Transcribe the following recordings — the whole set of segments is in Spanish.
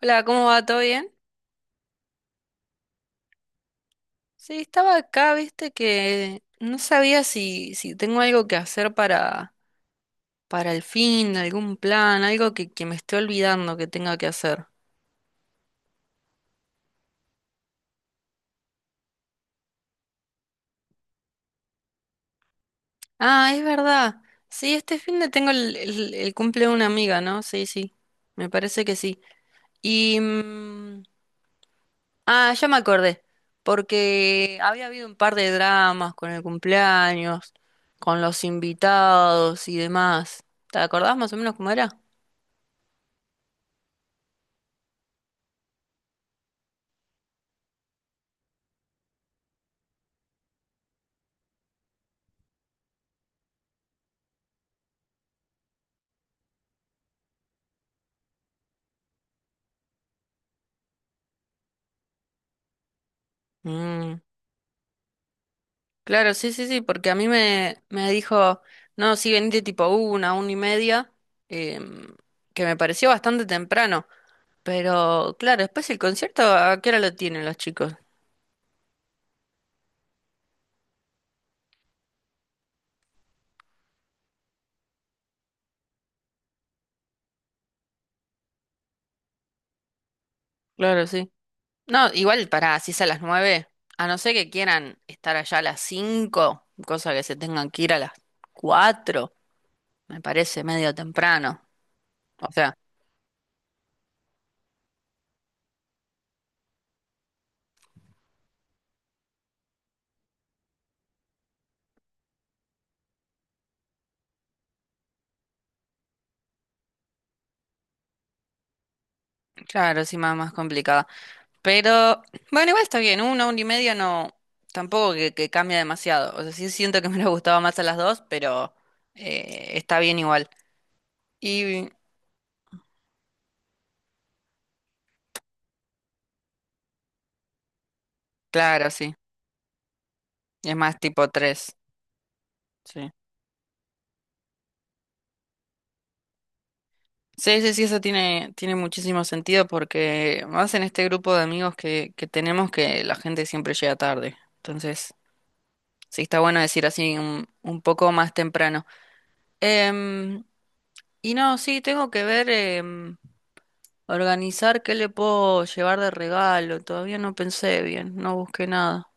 Hola, ¿cómo va? ¿Todo bien? Sí, estaba acá, viste que no sabía si tengo algo que hacer para el fin, algún plan, algo que me esté olvidando que tenga que hacer. Ah, es verdad. Sí, este fin de tengo el cumple de una amiga, ¿no? Sí, sí. Me parece que sí. Y... mm, ah, ya me acordé. Porque había habido un par de dramas con el cumpleaños, con los invitados y demás. ¿Te acordás más o menos cómo era? Mm. Claro, sí, sí, sí, porque a mí me dijo, no, sí, venite tipo una y media, em, que me pareció bastante temprano, pero claro, después el concierto, ¿a qué hora lo tienen los chicos? Claro, sí. No, igual para, si es a las nueve, a no ser que quieran estar allá a las cinco, cosa que se tengan que ir a las cuatro, me parece medio temprano. O sea, claro, sí, más, más complicada. Pero, bueno, igual está bien, una y media no, tampoco que cambia demasiado. O sea, sí siento que me hubiera gustado más a las dos, pero está bien igual. Y claro, sí, es más tipo tres, sí. Sí, sí, sí, eso tiene, tiene muchísimo sentido porque más en este grupo de amigos que tenemos que la gente siempre llega tarde. Entonces, sí, está bueno decir así un poco más temprano. Em, y no, sí, tengo que ver. Organizar qué le puedo llevar de regalo. Todavía no pensé bien, no busqué nada.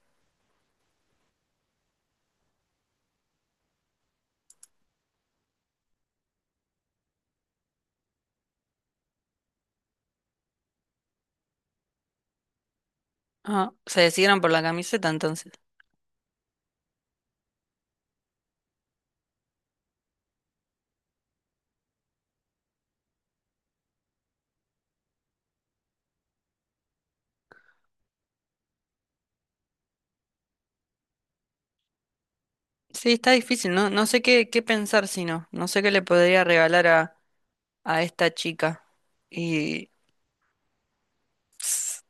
Ah, se decidieron por la camiseta entonces. Sí, está difícil, no, no sé qué, qué pensar si no. No sé qué le podría regalar a esta chica. Y... ps,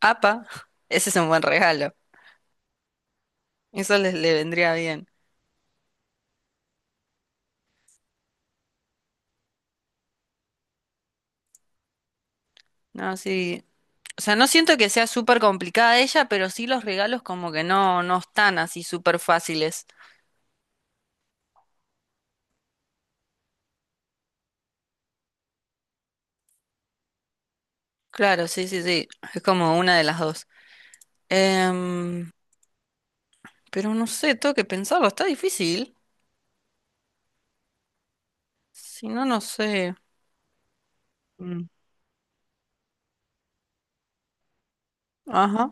Apa, ese es un buen regalo. Eso les le vendría bien. No, sí. O sea, no siento que sea súper complicada ella, pero sí los regalos como que no, no están así súper fáciles. Claro, sí, sí, sí. Es como una de las dos. Em, Pero no sé, tengo que pensarlo, está difícil. Si no, no sé. Mm, ajá.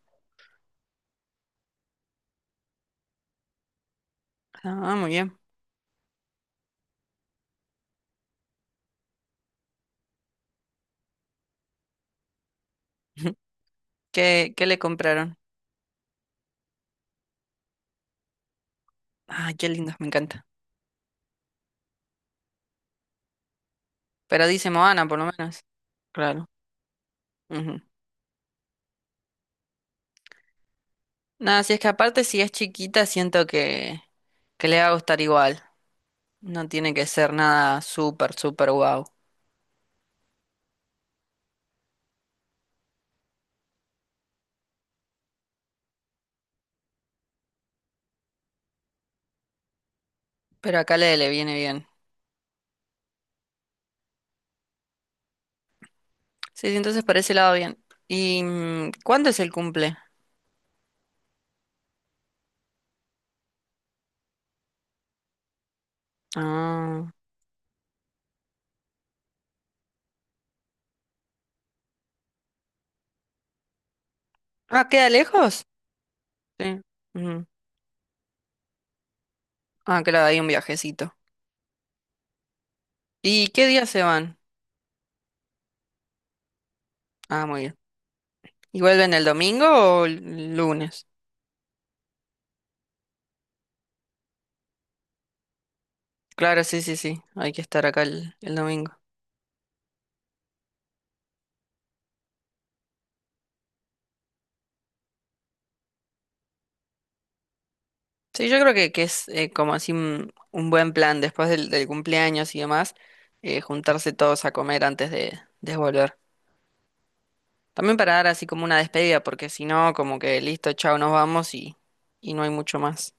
Ah, muy bien. ¿Qué, qué le compraron? Ay, qué lindos, me encanta. Pero dice Moana, por lo menos. Claro. Ujú. Nada, si es que aparte, si es chiquita, siento que le va a gustar igual. No tiene que ser nada súper, súper guau. Pero acá le, le viene bien. Sí, sí, entonces por ese lado bien. ¿Y cuándo es el cumple? Ah, ah, ¿queda lejos? Sí. Ujú. Ah, claro, hay un viajecito. ¿Y qué día se van? Ah, muy bien. ¿Y vuelven el domingo o el lunes? Claro, sí, sí, sí. Hay que estar acá el domingo. Sí, yo creo que es como así un buen plan después del, del cumpleaños y demás, juntarse todos a comer antes de volver. También para dar así como una despedida, porque si no, como que listo, chao, nos vamos y no hay mucho más.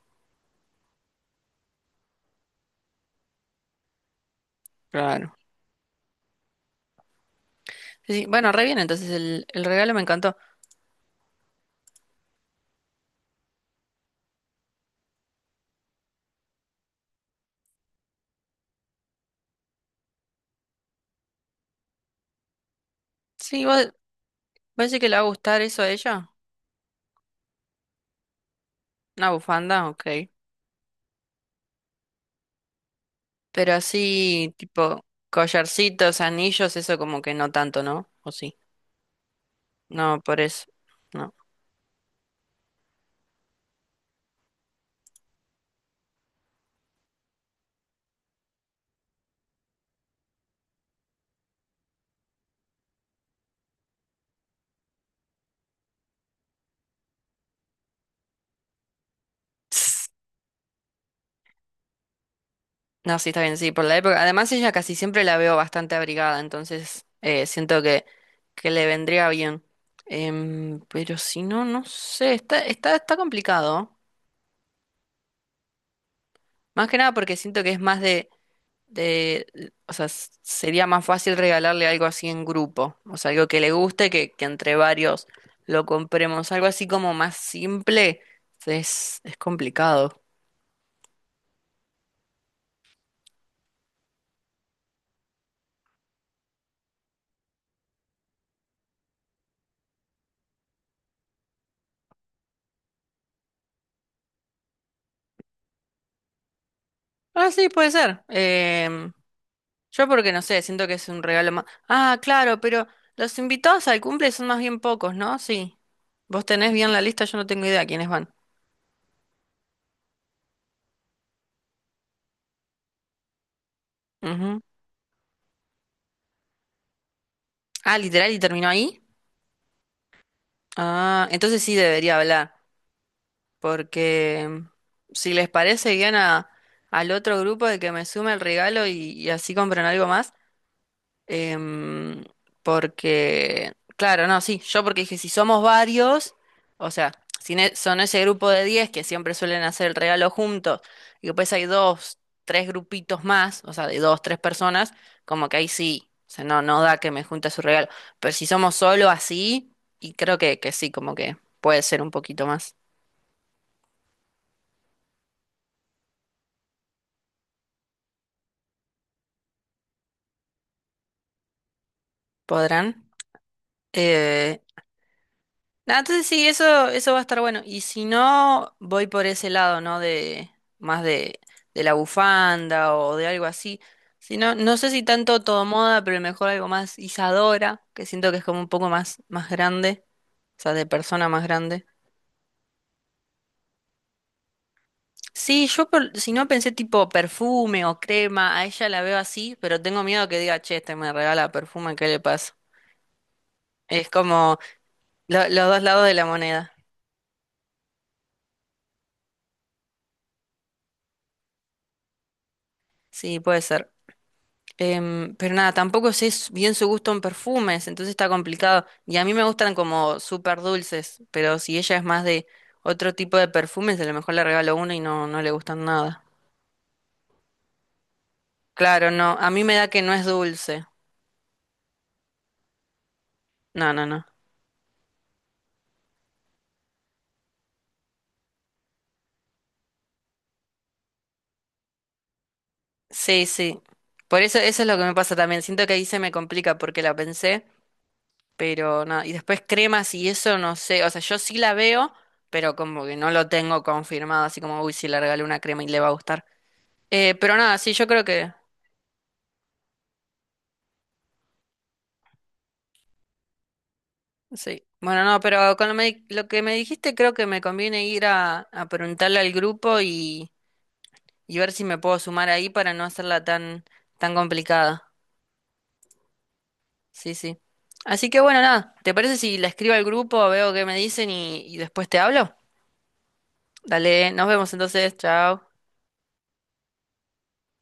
Claro. Sí, sí. Bueno, re bien, entonces el regalo me encantó. Sí, ¿vos decís que le va a gustar eso a ella? ¿Una bufanda? Ok. Pero así, tipo, collarcitos, anillos, eso como que no tanto, ¿no? ¿O sí? No, por eso. No. Tss. No, sí, está bien, sí, por la época. Además, ella casi siempre la veo bastante abrigada, entonces siento que le vendría bien. Pero si no, no sé, está, está, está complicado, ¿eh? Más que nada porque siento que es más de, o sea, sería más fácil regalarle algo así en grupo, o sea, algo que le guste, que entre varios lo compremos, algo así como más simple, es complicado. Ah, sí, puede ser. Yo porque no sé, siento que es un regalo más... Ah, claro, pero los invitados al cumple son más bien pocos, ¿no? Sí. Vos tenés bien la lista, yo no tengo idea quiénes van. Ujú. Ah, literal, y terminó ahí. Ah, entonces sí debería hablar. Porque si les parece bien a, al otro grupo de que me sume el regalo y así compran algo más, em, porque, claro, no, sí, yo porque dije, si somos varios, o sea, si son ese grupo de 10 que siempre suelen hacer el regalo juntos y después hay dos, tres grupitos más, o sea, de dos, tres personas, como que ahí sí, o sea, no, no da que me junte su regalo, pero si somos solo así, y creo que sí, como que puede ser un poquito más. ¿Podrán? Eh, nada, entonces sí, eso va a estar bueno. Y si no, voy por ese lado, ¿no? De más de la bufanda o de algo así. Si no, no sé si tanto todo moda, pero mejor algo más Isadora, que siento que es como un poco más, más grande, o sea, de persona más grande. Sí, yo si no pensé tipo perfume o crema, a ella la veo así, pero tengo miedo que diga, che, este me regala perfume, ¿qué le pasa? Es como los dos lados de la moneda. Sí, puede ser. Pero nada, tampoco sé bien su gusto en perfumes, entonces está complicado. Y a mí me gustan como súper dulces, pero si ella es más de otro tipo de perfumes, a lo mejor le regalo uno y no, no le gustan nada. Claro, no, a mí me da que no es dulce. No, no, no. Sí, sí. Por eso, eso es lo que me pasa también. Siento que ahí se me complica porque la pensé, pero nada. Y después cremas y eso no sé. O sea, yo sí la veo, pero como que no lo tengo confirmado, así como, uy, si le regalo una crema y le va a gustar. Pero nada, sí, yo creo que. Sí. Bueno, no, pero con lo, lo que me dijiste creo que me conviene ir a preguntarle al grupo y ver si me puedo sumar ahí para no hacerla tan, tan complicada. Sí, sí. Así que bueno, nada, ¿te parece si la escribo al grupo, veo qué me dicen y después te hablo? Dale, nos vemos entonces, chao.